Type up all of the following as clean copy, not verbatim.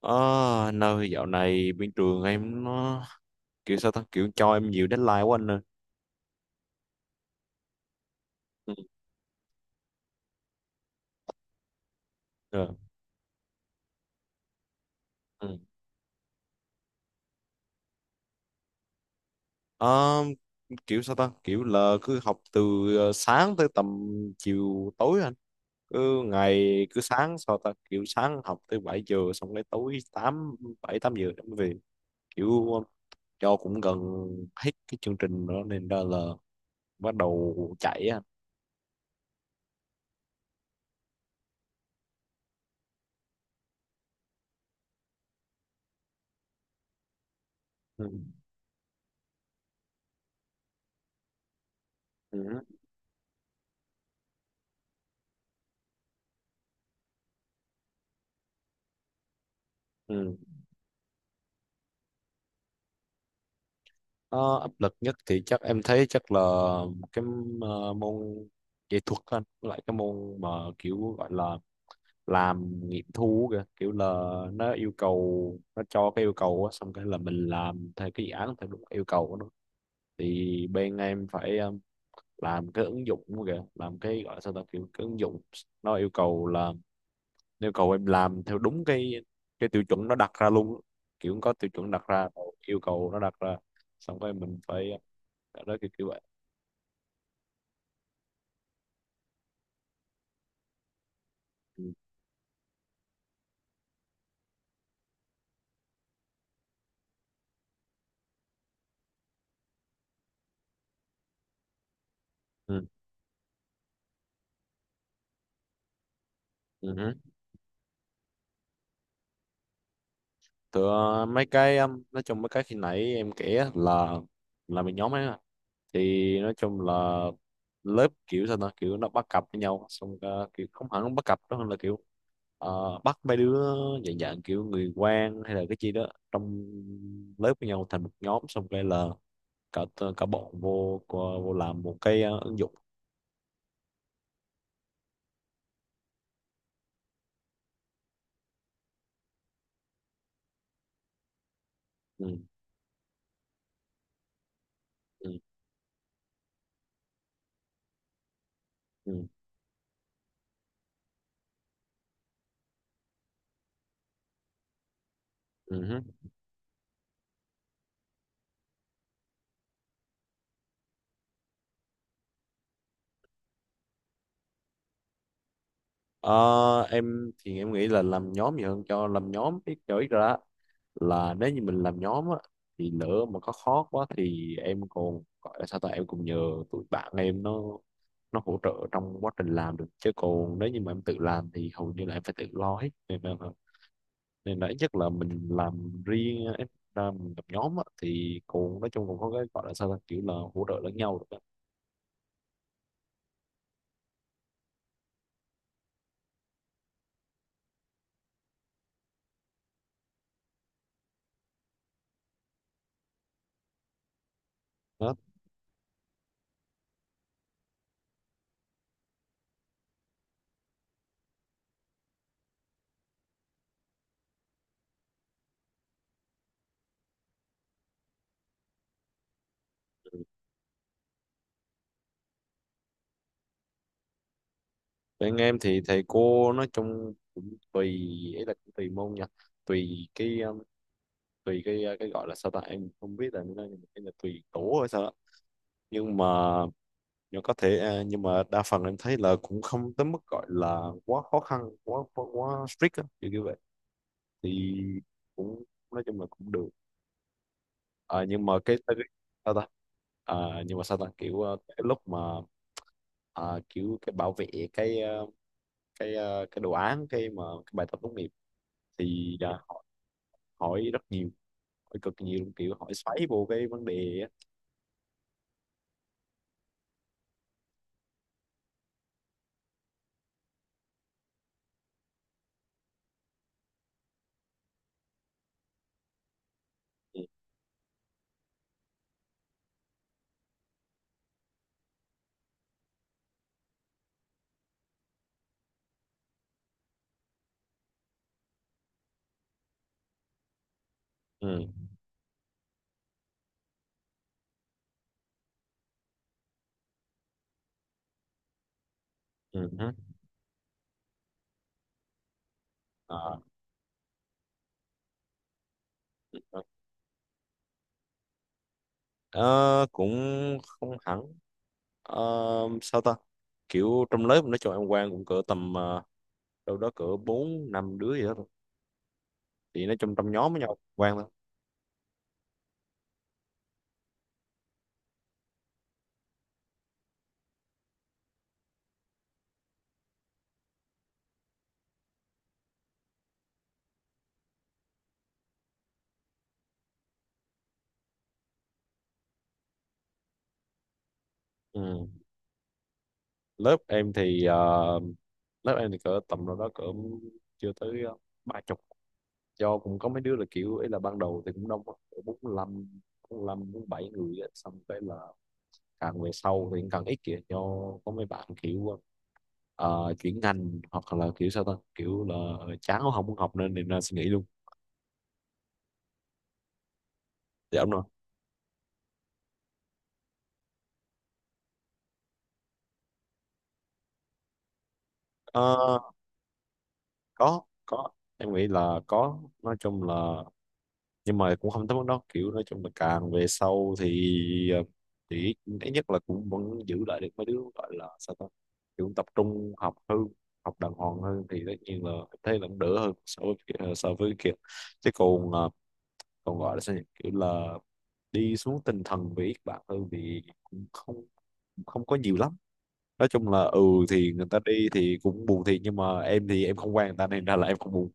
Ờ, Nơi dạo này bên trường em nó kiểu sao ta kiểu cho em nhiều deadline quá anh ơi. Ừ. ờ, ừ. Ờ, kiểu sao ta kiểu là cứ học từ sáng tới tầm chiều tối anh. Cứ ngày cứ sáng sao ta kiểu Sáng học tới 7 giờ, xong đến tối 7 8 giờ em về. Kiểu cho cũng gần hết cái chương trình đó nên ra là bắt đầu chạy á. Ừ. Ừ. Ờ, Áp lực nhất thì chắc em thấy chắc là cái môn nghệ thuật anh, với lại cái môn mà kiểu gọi là làm nghiệm thu kìa, kiểu là nó yêu cầu, nó cho cái yêu cầu á, xong cái là mình làm theo cái dự án theo đúng yêu cầu của nó. Thì bên em phải làm cái ứng dụng kìa, làm cái gọi là sao ta kiểu cái ứng dụng nó yêu cầu là, nó yêu cầu em làm theo đúng cái tiêu chuẩn nó đặt ra luôn, kiểu có tiêu chuẩn đặt ra, yêu cầu nó đặt ra xong rồi mình phải. Đó, kiểu, kiểu vậy. Ừ. Ừ. Ừ. Tựa mấy cái nói chung mấy cái khi nãy em kể á là mình nhóm ấy mà. Thì nói chung là lớp kiểu sao ta kiểu nó bắt cặp với nhau xong, kiểu không hẳn bắt cặp đó hơn là kiểu bắt mấy đứa dạng dạng kiểu người quen hay là cái gì đó trong lớp với nhau thành một nhóm, xong cái là cả cả bọn vô vô làm một cái ứng dụng. Ừ. Ừ. Ừ. Ừ. Ờ, em thì em nghĩ là làm nhóm gì hơn cho làm nhóm cái chỗ ra á, là nếu như mình làm nhóm á thì lỡ mà có khó quá thì em còn gọi là sao ta, em cũng nhờ tụi bạn em nó hỗ trợ trong quá trình làm được. Chứ còn nếu như mà em tự làm thì hầu như là em phải tự lo hết, nên là ít nhất là mình làm riêng á, em ra mình làm nhóm á thì còn nói chung cũng có cái gọi là sao ta kiểu là hỗ trợ lẫn nhau được á. Đó. Bên em thì thầy cô nói chung cũng tùy, ấy là cũng tùy môn nha, tùy cái um, tùy cái gọi là sao ta, em không biết là như thế nào, nhưng mà cái là tùy tổ hay sao đó. nhưng mà nhưng có thể à, nhưng mà đa phần em thấy là cũng không tới mức gọi là quá khó khăn, quá quá, quá strict á kiểu như vậy thì cũng nói chung là cũng được. À, nhưng mà sao ta, à, nhưng mà sao ta kiểu cái lúc mà à, kiểu cái bảo vệ cái uh, cái cái đồ án, cái mà cái bài tập tốt nghiệp thì à, họ hỏi rất nhiều, hỏi cực nhiều luôn, kiểu hỏi xoáy vô cái vấn đề á. Ừ, ừ, ừ, hứ. Ờ, ờ, cũng không hẳn. Ờ, Sao ta, kiểu trong lớp nói chung em quen cũng cỡ tầm đâu đó cỡ bốn năm đứa gì đó thôi, thì nói chung trong nhóm với nhau quen thôi. Ừ. Lớp em thì cỡ tầm đâu đó cỡ chưa tới ba chục, do cũng có mấy đứa là kiểu ấy là ban đầu thì cũng đông á, cỡ 45, bốn lăm bốn bảy người á, xong cái là càng về sau thì càng ít kìa. Cho có mấy bạn kiểu chuyển ngành hoặc là kiểu sao ta kiểu là chán không muốn học nên nên suy nghĩ luôn. Dạ đúng rồi. Ờ, có, em nghĩ là có, nói chung là, nhưng mà cũng không tới mức đó, kiểu nói chung là càng về sau thì ờ, thì ít nhất là cũng vẫn giữ lại được mấy đứa gọi là sao ta kiểu tập trung học hơn, học đàng hoàng hơn, thì tất nhiên là em thấy là cũng đỡ hơn so với so với kia. Chứ còn còn gọi là sao nhỉ, kiểu là đi xuống tinh thần về Yết bạn hơn thì cũng không, không có nhiều lắm, nói chung là. Ừ, thì người ta đi thì cũng buồn thiệt, nhưng mà em thì em không quen người ta nên ra là em không buồn.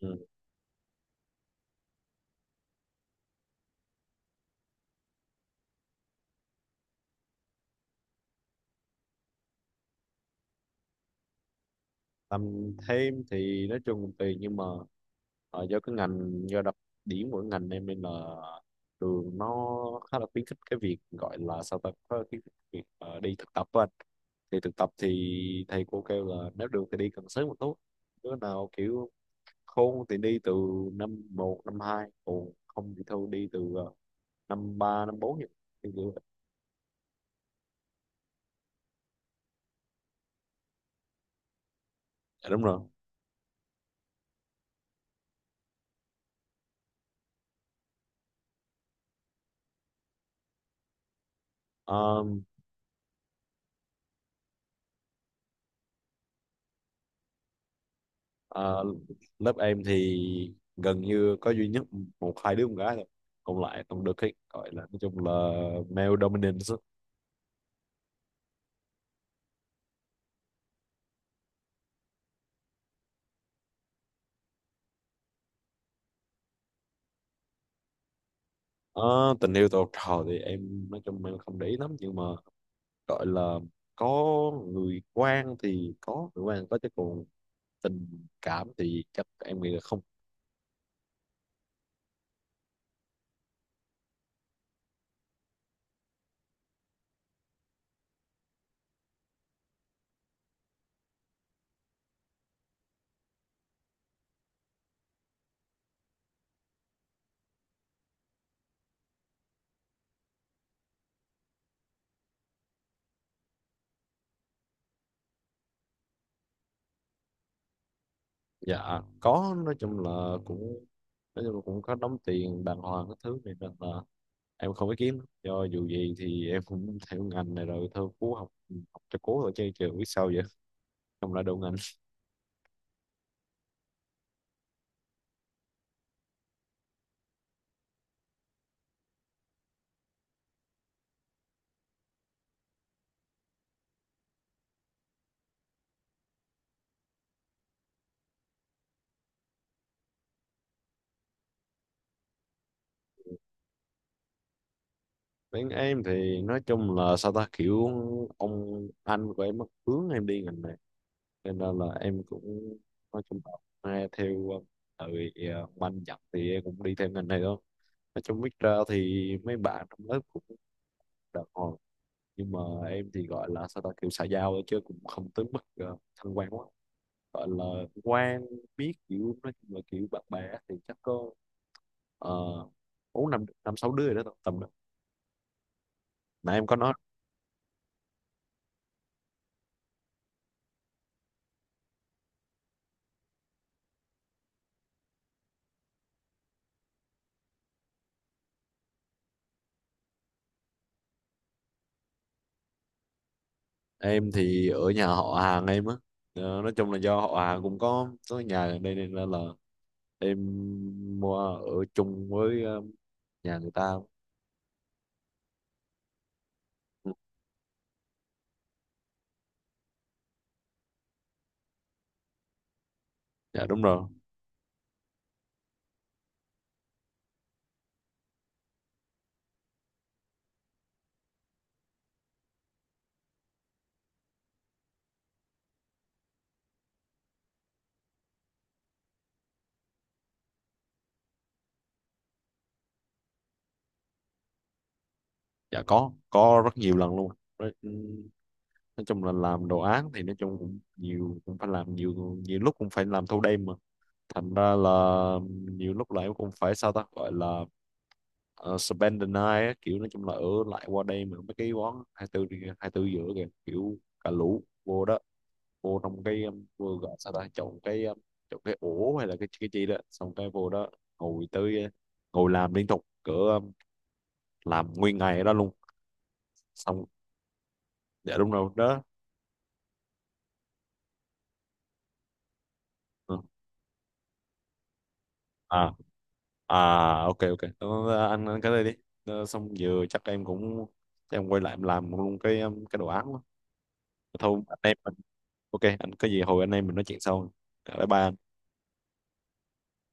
Ừ. Làm thêm thì nói chung cũng tùy, nhưng mà do cái ngành, do đặc điểm của ngành em nên là trường nó khá là khuyến khích cái việc gọi là sao ta, có khuyến khích việc đi thực tập với anh. Thì thực tập thì thầy cô kêu là nếu được thì đi càng sớm một tốt, đứa nào kiểu khôn thì đi từ năm một năm hai, còn không thì thôi đi từ năm 3 năm 4 vậy. Thì kiểu- dạ, đúng rồi. Ờm, ờ, Lớp em thì gần như có duy nhất một hai đứa con gái thôi, còn lại toàn được cái gọi là nói chung là male dominance á. Ờ, Tình yêu tuổi học trò thì em nói chung em không để ý lắm, nhưng mà gọi là có người quan thì có người quan có, chứ còn tình cảm thì chắc em nghĩ là không. Dạ có, nói chung là cũng nói chung là cũng có đóng tiền đàng hoàng cái thứ này nên là em không có kiếm do, dù gì thì em cũng theo ngành này rồi thôi cố học, học cho cố rồi chơi trường biết sao vậy, không lại đậu ngành. Bên em thì nói chung là sao ta kiểu ông anh của em mất hướng em đi ngành này cho nên là em cũng nói chung là nghe theo tại vì ông anh dặn thì em cũng đi theo ngành này thôi. Nói chung biết ra thì mấy bạn trong lớp cũng đàng hoàng, nhưng mà em thì gọi là sao ta kiểu xã giao thôi chứ cũng không tới mức thân quen quá, gọi là quan biết kiểu nói chung là kiểu bạn bè á thì chắc có uh, bốn năm năm sáu đứa rồi đó tầm đó, nãy em có nói. Em thì ở nhà họ hàng em á. Nói chung là do họ hàng cũng có nhà ở đây nên là em mua ở chung với nhà người ta. Ừ, dạ đúng rồi. Dạ có rất nhiều lần luôn. Đấy, ừ, nói chung là làm đồ án thì nói chung cũng nhiều cũng phải làm nhiều, nhiều lúc cũng phải làm thâu đêm, mà thành ra là nhiều lúc lại em cũng phải sao ta gọi là spend the night á, kiểu nói chung là ở lại qua đây. Mà mấy cái quán 24 đi- 24 giữa kìa, kiểu cả lũ vô đó, vô trong cái vô gọi sao ta chọn cái ổ hay là cái gì đó, xong cái vô đó ngồi tới ngồi làm liên tục cỡ làm nguyên ngày ở đó luôn. Xong dạ đúng rồi đó. Ừ. À. À, ok ok. Ờ, anh ăn cái đây đi. Xong giờ chắc em cũng quay lại em làm luôn cái đồ án đó. Thôi anh em mình. Ok anh, có gì hồi anh em mình nói chuyện sau. Bye bye.